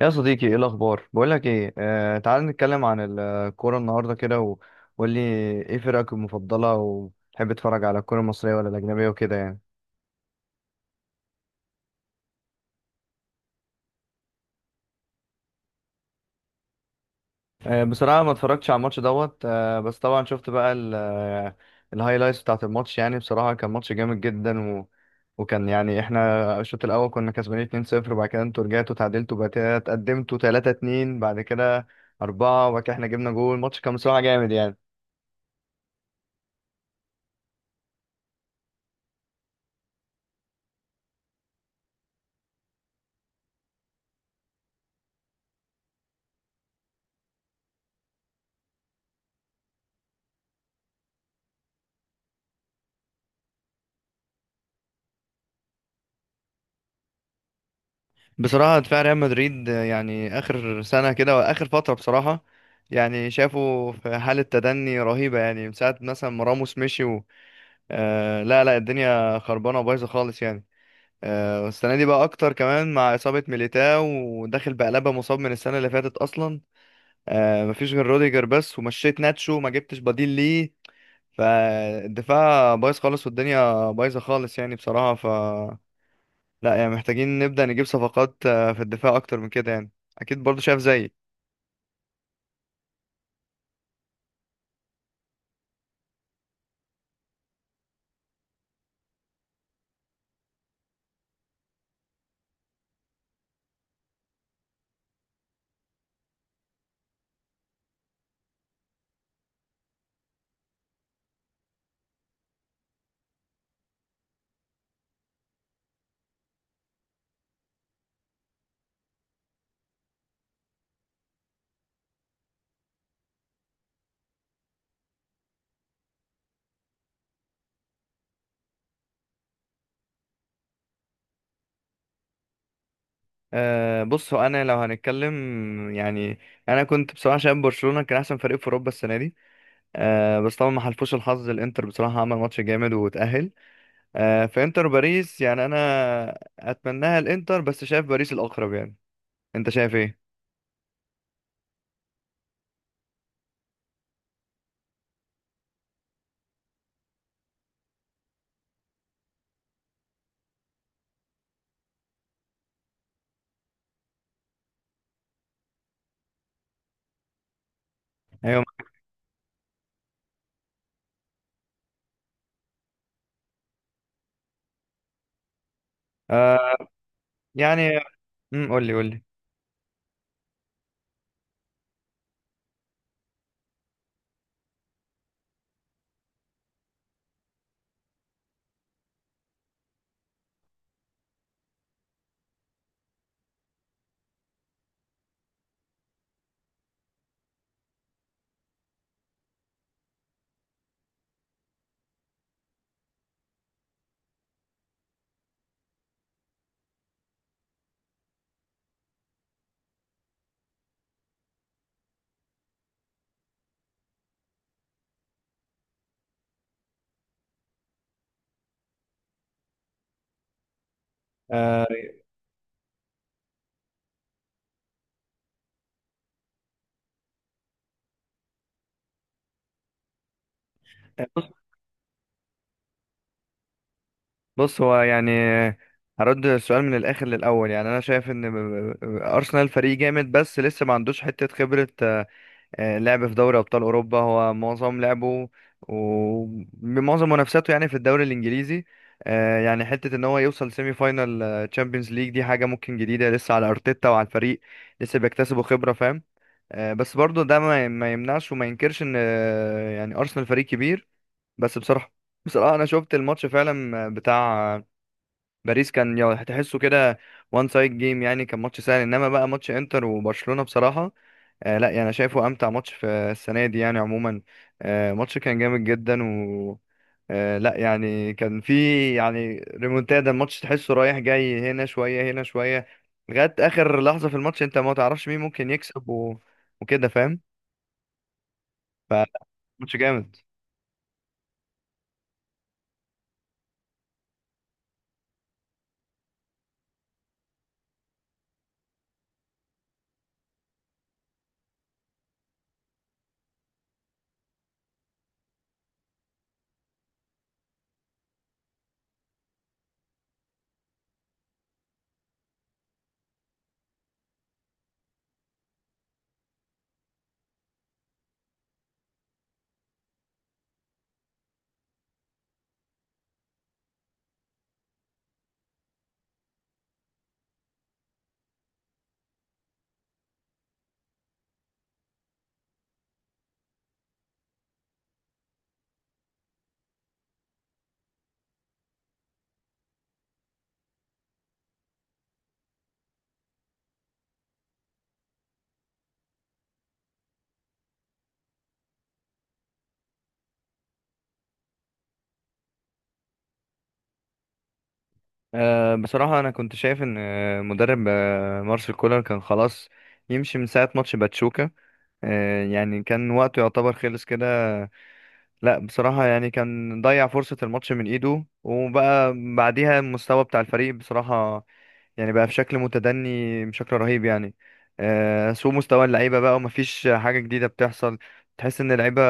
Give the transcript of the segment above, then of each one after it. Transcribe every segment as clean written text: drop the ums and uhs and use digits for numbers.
يا صديقي، ايه الاخبار؟ بقول لك ايه، آه، تعال نتكلم عن الكوره النهارده كده وقول لي ايه فرقك المفضله، وتحب تتفرج على الكوره المصريه ولا الاجنبيه وكده يعني. بصراحه ما اتفرجتش على الماتش دوت، بس طبعا شفت بقى الهايلايتس بتاعه الماتش. يعني بصراحه كان ماتش جامد جدا وكان يعني احنا الشوط الاول كنا كسبانين 2-0، وبعد كده انتوا رجعتوا تعادلتوا، بعد كده اتقدمتوا 3-2، بعد كده 4، وبعد كده احنا جبنا جول. الماتش كان بصراحه جامد يعني. بصراحة دفاع ريال مدريد يعني آخر سنة كده وآخر فترة بصراحة، يعني شافوا في حالة تدني رهيبة يعني من ساعة مثلا ما راموس مشي و... لا لا، الدنيا خربانة وبايظة خالص يعني. والسنة دي بقى أكتر كمان مع إصابة ميليتاو، وداخل بقلبة مصاب من السنة اللي فاتت أصلا. مفيش غير روديجر بس، ومشيت ناتشو ما جبتش بديل ليه. فالدفاع بايظ خالص والدنيا بايظة خالص يعني. بصراحة لا، يعني محتاجين نبدأ نجيب صفقات في الدفاع أكتر من كده يعني. أكيد برضو شايف زيي. أه، بص، هو أنا لو هنتكلم يعني، أنا كنت بصراحة شايف برشلونة كان أحسن فريق في أوروبا السنة دي. أه، بس طبعا ما حلفوش الحظ. الإنتر بصراحة عمل ماتش جامد وتأهل. أه، فإنتر باريس، يعني أنا أتمناها الإنتر، بس شايف باريس الأقرب يعني. أنت شايف إيه؟ أيوة. أه، يعني قول لي قول لي. أه، بص، هو يعني هرد السؤال من الاخر للاول. يعني انا شايف ان ارسنال فريق جامد، بس لسه ما عندوش حته خبره. لعب في دوري ابطال اوروبا، هو معظم لعبه ومعظم منافساته يعني في الدوري الانجليزي. يعني حته ان هو يوصل سيمي فاينال تشامبيونز ليج دي حاجه ممكن جديده لسه على ارتيتا وعلى الفريق، لسه بيكتسبوا خبره فاهم. بس برضه ده ما يمنعش وما ينكرش ان يعني ارسنال فريق كبير. بس بصراحه، بصراحه انا شفت الماتش فعلا بتاع باريس، كان هتحسه كده، وان سايد جيم يعني، كان ماتش سهل. انما بقى ماتش انتر وبرشلونة بصراحة، لا يعني انا شايفه امتع ماتش في السنة دي يعني عموما. ماتش كان جامد جدا و لا يعني كان في يعني ريمونتادا. الماتش تحسه رايح جاي، هنا شوية هنا شوية، لغاية اخر لحظة في الماتش انت ما تعرفش مين ممكن يكسب و... وكده فاهم. فماتش جامد. بصراحة انا كنت شايف ان مدرب مارسيل كولر كان خلاص يمشي من ساعة ماتش باتشوكا. يعني كان وقته يعتبر خلص كده. لا بصراحة يعني كان ضيع فرصة الماتش من ايده، وبقى بعديها المستوى بتاع الفريق بصراحة يعني بقى في شكل متدني بشكل رهيب يعني. سوء مستوى اللعيبة بقى، ومفيش حاجة جديدة بتحصل. تحس ان اللعيبة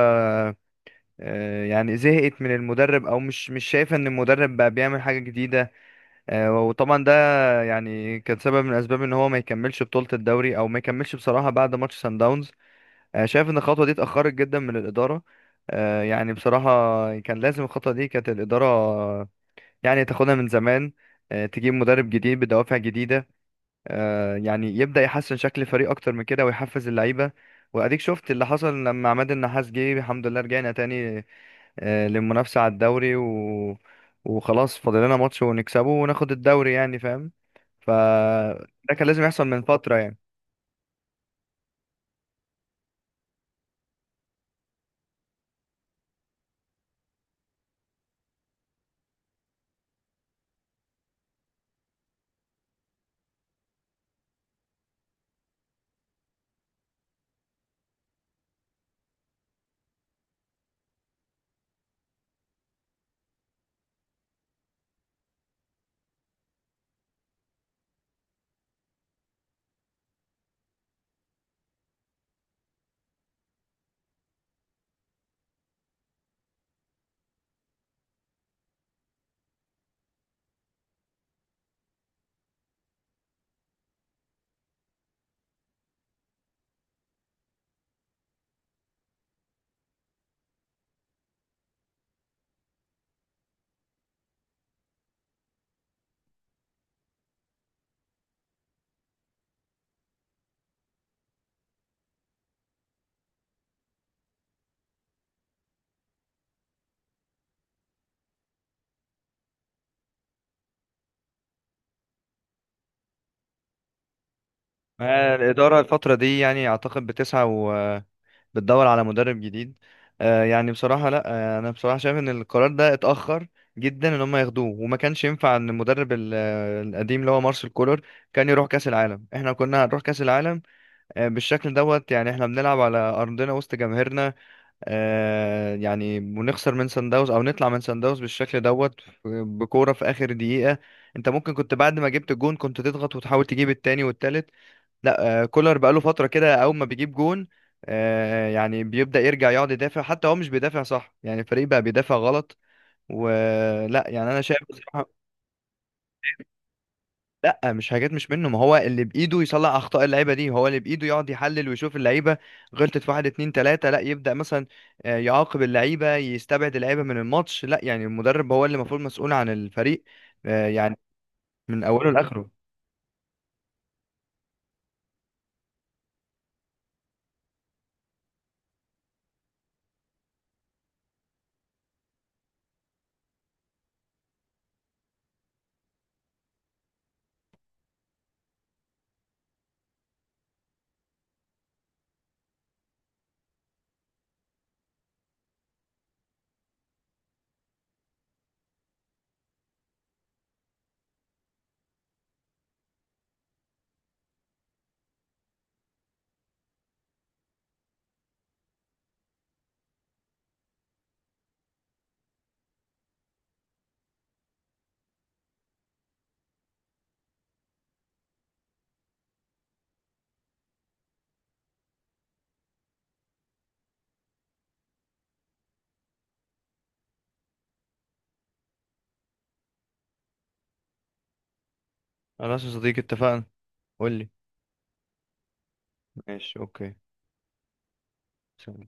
يعني زهقت من المدرب، او مش شايفة ان المدرب بقى بيعمل حاجة جديدة. وطبعا ده يعني كان سبب من اسباب ان هو ما يكملش بطولة الدوري، او ما يكملش بصراحة بعد ماتش سان داونز. شايف ان الخطوه دي اتاخرت جدا من الاداره. يعني بصراحه كان لازم الخطوه دي كانت الاداره يعني تاخدها من زمان. تجيب مدرب جديد بدوافع جديده يعني يبدا يحسن شكل الفريق اكتر من كده ويحفز اللعيبه. واديك شفت اللي حصل لما عماد النحاس جه، الحمد لله رجعنا تاني للمنافسه على الدوري و... وخلاص فاضل لنا ماتش ونكسبه وناخد الدوري يعني فاهم. فده كان لازم يحصل من فتره يعني. الإدارة الفترة دي يعني أعتقد بتسعى، بتدور على مدرب جديد. يعني بصراحة لا، انا بصراحة شايف ان القرار ده اتأخر جدا ان هم ياخدوه، وما كانش ينفع ان المدرب القديم اللي هو مارسيل كولر كان يروح كأس العالم. احنا كنا هنروح كأس العالم بالشكل دوت يعني؟ احنا بنلعب على ارضنا وسط جماهيرنا، يعني ونخسر من سان داونز، او نطلع من سان داونز بالشكل دوت بكورة في اخر دقيقة. انت ممكن كنت بعد ما جبت الجون كنت تضغط وتحاول تجيب التاني والتالت. لا كولر بقاله فترة كده أول ما بيجيب جون يعني بيبدأ يرجع يقعد يدافع. حتى هو مش بيدافع صح، يعني الفريق بقى بيدافع غلط ولا، يعني أنا شايف بصراحة. لا مش حاجات مش منه، ما هو اللي بإيده يصلح أخطاء اللعيبة دي، هو اللي بإيده يقعد يحلل ويشوف اللعيبة غلطت في واحد اتنين تلاتة، لا يبدأ مثلا يعاقب اللعيبة، يستبعد اللعيبة من الماتش. لا يعني المدرب هو اللي المفروض مسؤول عن الفريق يعني من أوله لآخره. خلاص يا صديقي، اتفقنا. قول لي. ماشي أوكي. سلام.